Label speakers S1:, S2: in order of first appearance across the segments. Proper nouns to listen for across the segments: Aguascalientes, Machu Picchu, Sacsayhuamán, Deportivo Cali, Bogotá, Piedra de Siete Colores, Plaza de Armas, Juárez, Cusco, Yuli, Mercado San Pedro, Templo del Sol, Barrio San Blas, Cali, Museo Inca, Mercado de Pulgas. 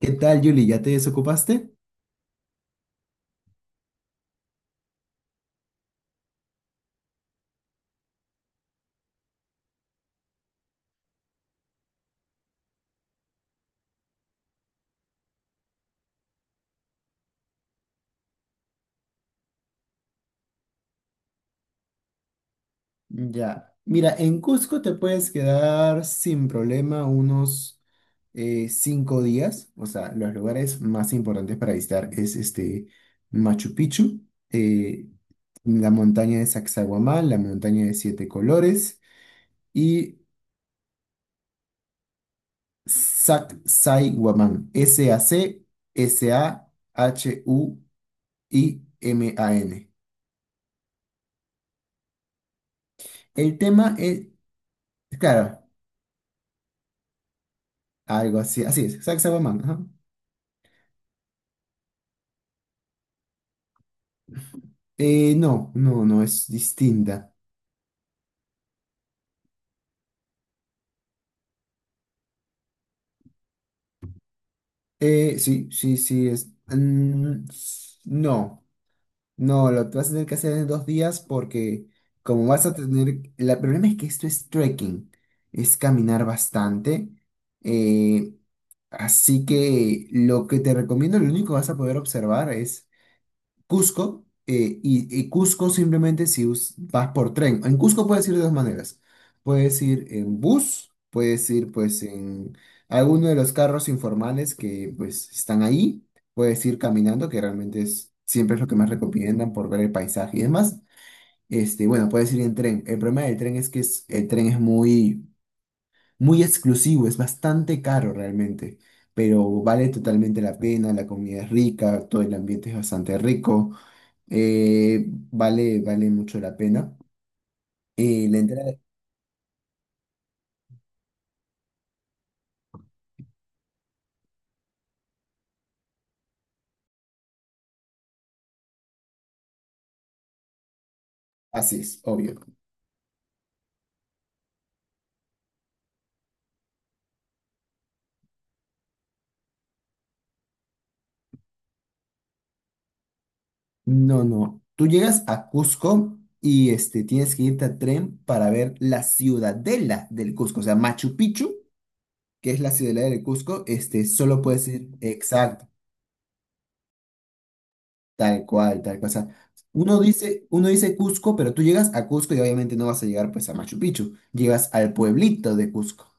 S1: ¿Qué tal, Yuli? ¿Ya te desocupaste? Ya. Mira, en Cusco te puedes quedar sin problema unos 5 días. O sea, los lugares más importantes para visitar es este Machu Picchu, eh, la montaña de Sacsayhuamán, la montaña de siete colores y Sacsayhuamán. S a c s a h u I-M-A-N. El tema es, claro, algo así, así es, Zack Sabaman, ajá. No, no, no, es distinta. Sí, sí, sí, no, no, lo vas a tener que hacer en 2 días porque como vas a tener... el problema es que esto es trekking, es caminar bastante. eh, Así que lo que te recomiendo, lo único que vas a poder observar es Cusco, y Cusco simplemente si vas por tren. En Cusco puedes ir de dos maneras. Puedes ir en bus, puedes ir pues en alguno de los carros informales que pues están ahí, puedes ir caminando, que realmente es, siempre es lo que más recomiendan por ver el paisaje y demás. Este, bueno, puedes ir en tren. El problema del tren es que el tren es muy, muy exclusivo, es bastante caro realmente, pero vale totalmente la pena, la comida es rica, todo el ambiente es bastante rico. Eh, vale, vale mucho la pena. Y la entrada, así es, obvio. No, no. Tú llegas a Cusco y este, tienes que irte a tren para ver la ciudadela del Cusco. O sea, Machu Picchu, que es la ciudadela del Cusco, este, solo puedes ir exacto, tal cual, tal cual. O sea, uno dice Cusco, pero tú llegas a Cusco y obviamente no vas a llegar pues a Machu Picchu. Llegas al pueblito de Cusco.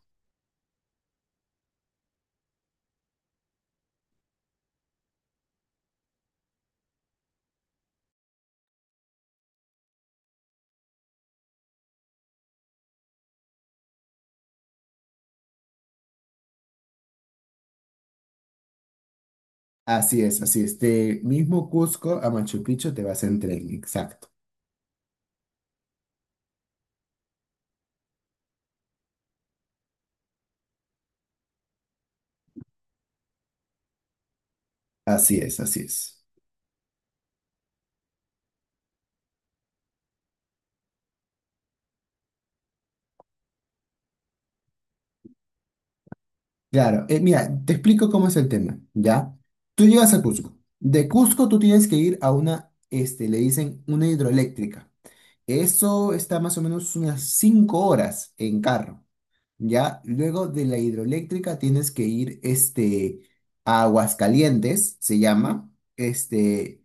S1: Así es, así es. De mismo Cusco a Machu Picchu te vas en tren, exacto. Así es, así es. Claro, mira, te explico cómo es el tema, ¿ya? Tú llegas a Cusco. De Cusco tú tienes que ir a una, este, le dicen una hidroeléctrica. Eso está más o menos unas 5 horas en carro. Ya, luego de la hidroeléctrica tienes que ir este, a Aguascalientes, se llama, este,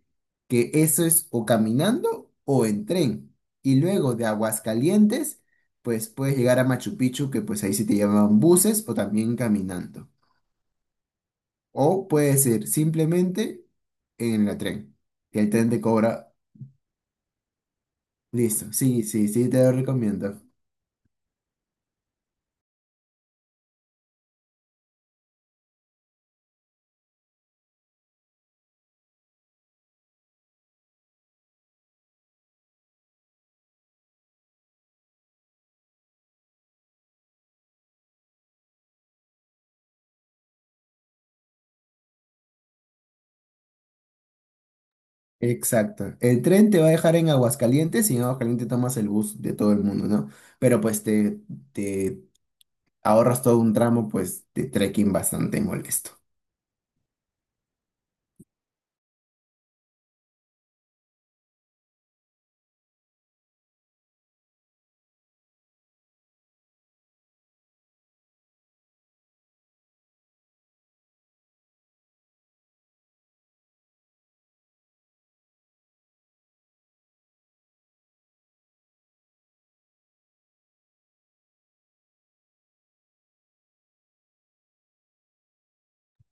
S1: que eso es o caminando o en tren. Y luego de Aguascalientes, pues puedes llegar a Machu Picchu, que pues ahí sí te llaman buses o también caminando. O puede ser simplemente en el tren, que el tren te cobra. Listo, sí, sí, sí, te lo recomiendo. Exacto. El tren te va a dejar en Aguascalientes y en Aguascalientes tomas el bus de todo el mundo, ¿no? Pero pues te ahorras todo un tramo pues de trekking bastante molesto.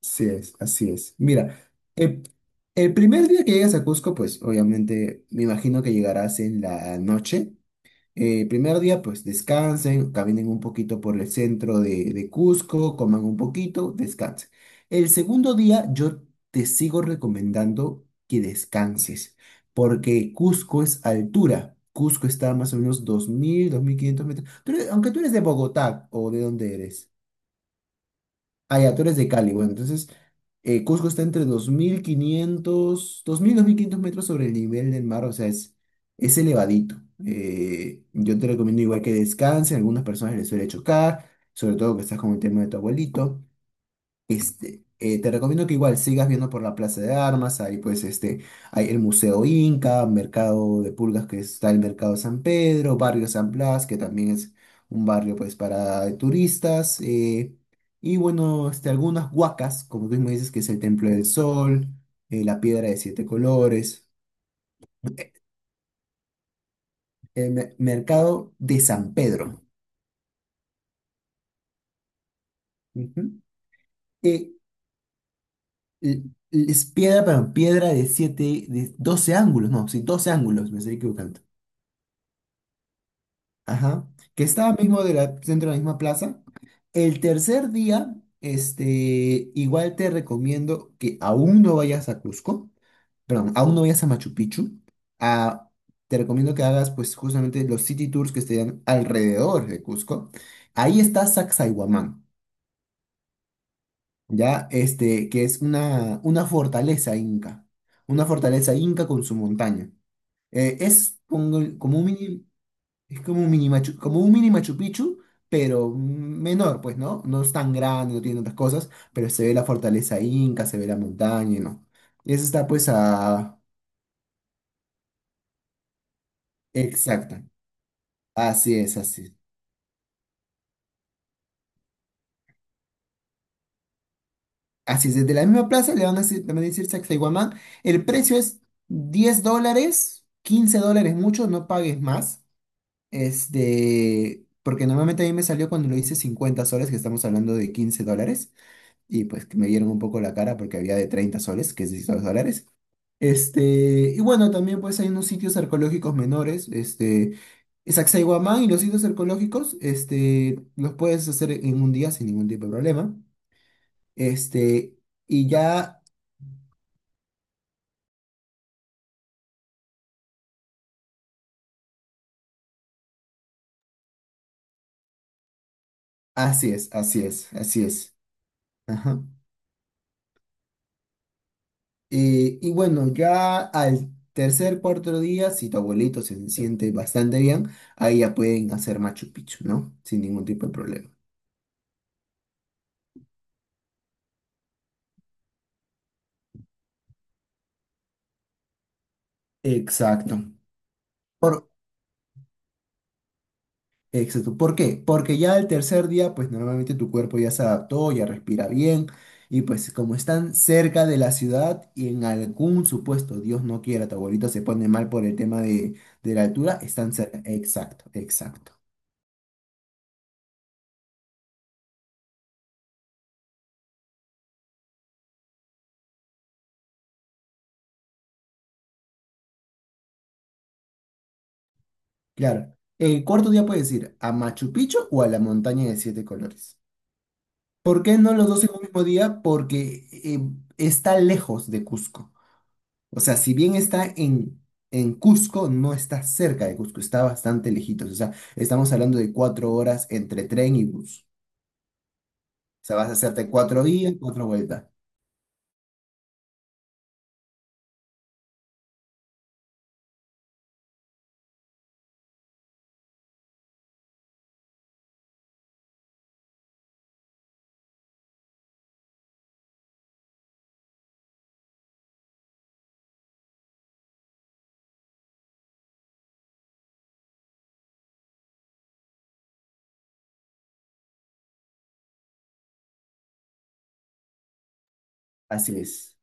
S1: Así es, así es. Mira, eh, el primer día que llegas a Cusco, pues obviamente me imagino que llegarás en la noche. Primer día, pues descansen, caminen un poquito por el centro de Cusco, coman un poquito, descansen. El segundo día, yo te sigo recomendando que descanses, porque Cusco es altura. Cusco está a más o menos 2.000 2.500 metros. Aunque tú eres de Bogotá o de dónde eres. Ah, ya, tú eres de Cali. Bueno, entonces Cusco está entre 2.500 metros sobre el nivel del mar, o sea, es elevadito. Yo te recomiendo igual que descanses, algunas personas les suele chocar, sobre todo que estás con el tema de tu abuelito. Este, te recomiendo que igual sigas viendo por la Plaza de Armas, ahí pues este, hay el Museo Inca, Mercado de Pulgas que está el Mercado San Pedro, Barrio San Blas, que también es un barrio pues para turistas, y bueno, este, algunas huacas, como tú me dices, que es el Templo del Sol, la Piedra de Siete Colores, Mercado de San Pedro. Ujú. Eh, l- es piedra, pero piedra de siete, de 12 ángulos, no, sí, 12 ángulos, me estoy equivocando. Ajá, que estaba mismo dentro de la misma plaza. El tercer día, este, igual te recomiendo que aún no vayas a Cusco, perdón, aún no vayas a Machu Picchu. Ah, te recomiendo que hagas, pues, justamente los city tours que estén alrededor de Cusco. Ahí está Sacsayhuamán, ya, este, que es una fortaleza inca, una fortaleza inca con su montaña. Eh, es como, como un mini es como un mini como un mini Machu Picchu, pero menor, pues, ¿no? No es tan grande, no tiene tantas cosas, pero se ve la fortaleza inca, se ve la montaña, ¿no? Y eso está, pues, a... Exacto. Así es, así es. Así es, desde la misma plaza le van a decir, le van a decir Sacsayhuamán. El precio es $10, $15 mucho, no pagues más. Este, porque normalmente a mí me salió cuando lo hice 50 soles, que estamos hablando de $15. Y pues que me dieron un poco la cara porque había de 30 soles, que es $16. Este, y bueno, también pues hay unos sitios arqueológicos menores, este, Sacsayhuamán y los sitios arqueológicos, este, los puedes hacer en un día sin ningún tipo de problema. Este, y ya, así es, así es, así es. Ajá. Y bueno, ya al tercer, cuarto día, si tu abuelito se siente bastante bien, ahí ya pueden hacer Machu Picchu, ¿no? Sin ningún tipo de problema. Exacto. Por, Exacto. ¿Por qué? Porque ya el tercer día, pues normalmente tu cuerpo ya se adaptó, ya respira bien, y pues como están cerca de la ciudad y en algún supuesto, Dios no quiera, tu abuelito se pone mal por el tema de la altura, están cerca. Exacto, exacto. Claro. El cuarto día puedes ir a Machu Picchu o a la montaña de siete colores. ¿Por qué no los dos en un mismo día? Porque está lejos de Cusco. O sea, si bien está en Cusco, no está cerca de Cusco, está bastante lejitos. O sea, estamos hablando de 4 horas entre tren y bus. O sea, vas a hacerte 4 días, cuatro vueltas. Así es.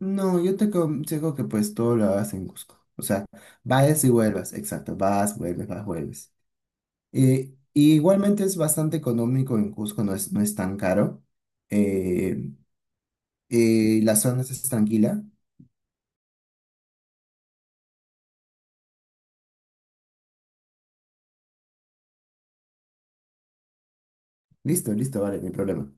S1: No, yo te aconsejo que pues todo lo hagas en Cusco. O sea, vayas y vuelvas, exacto, vas, vuelves, vas, vuelves. Y igualmente es bastante económico en Cusco, no es tan caro. Eh, la zona es tranquila. Listo, listo, vale, no hay problema.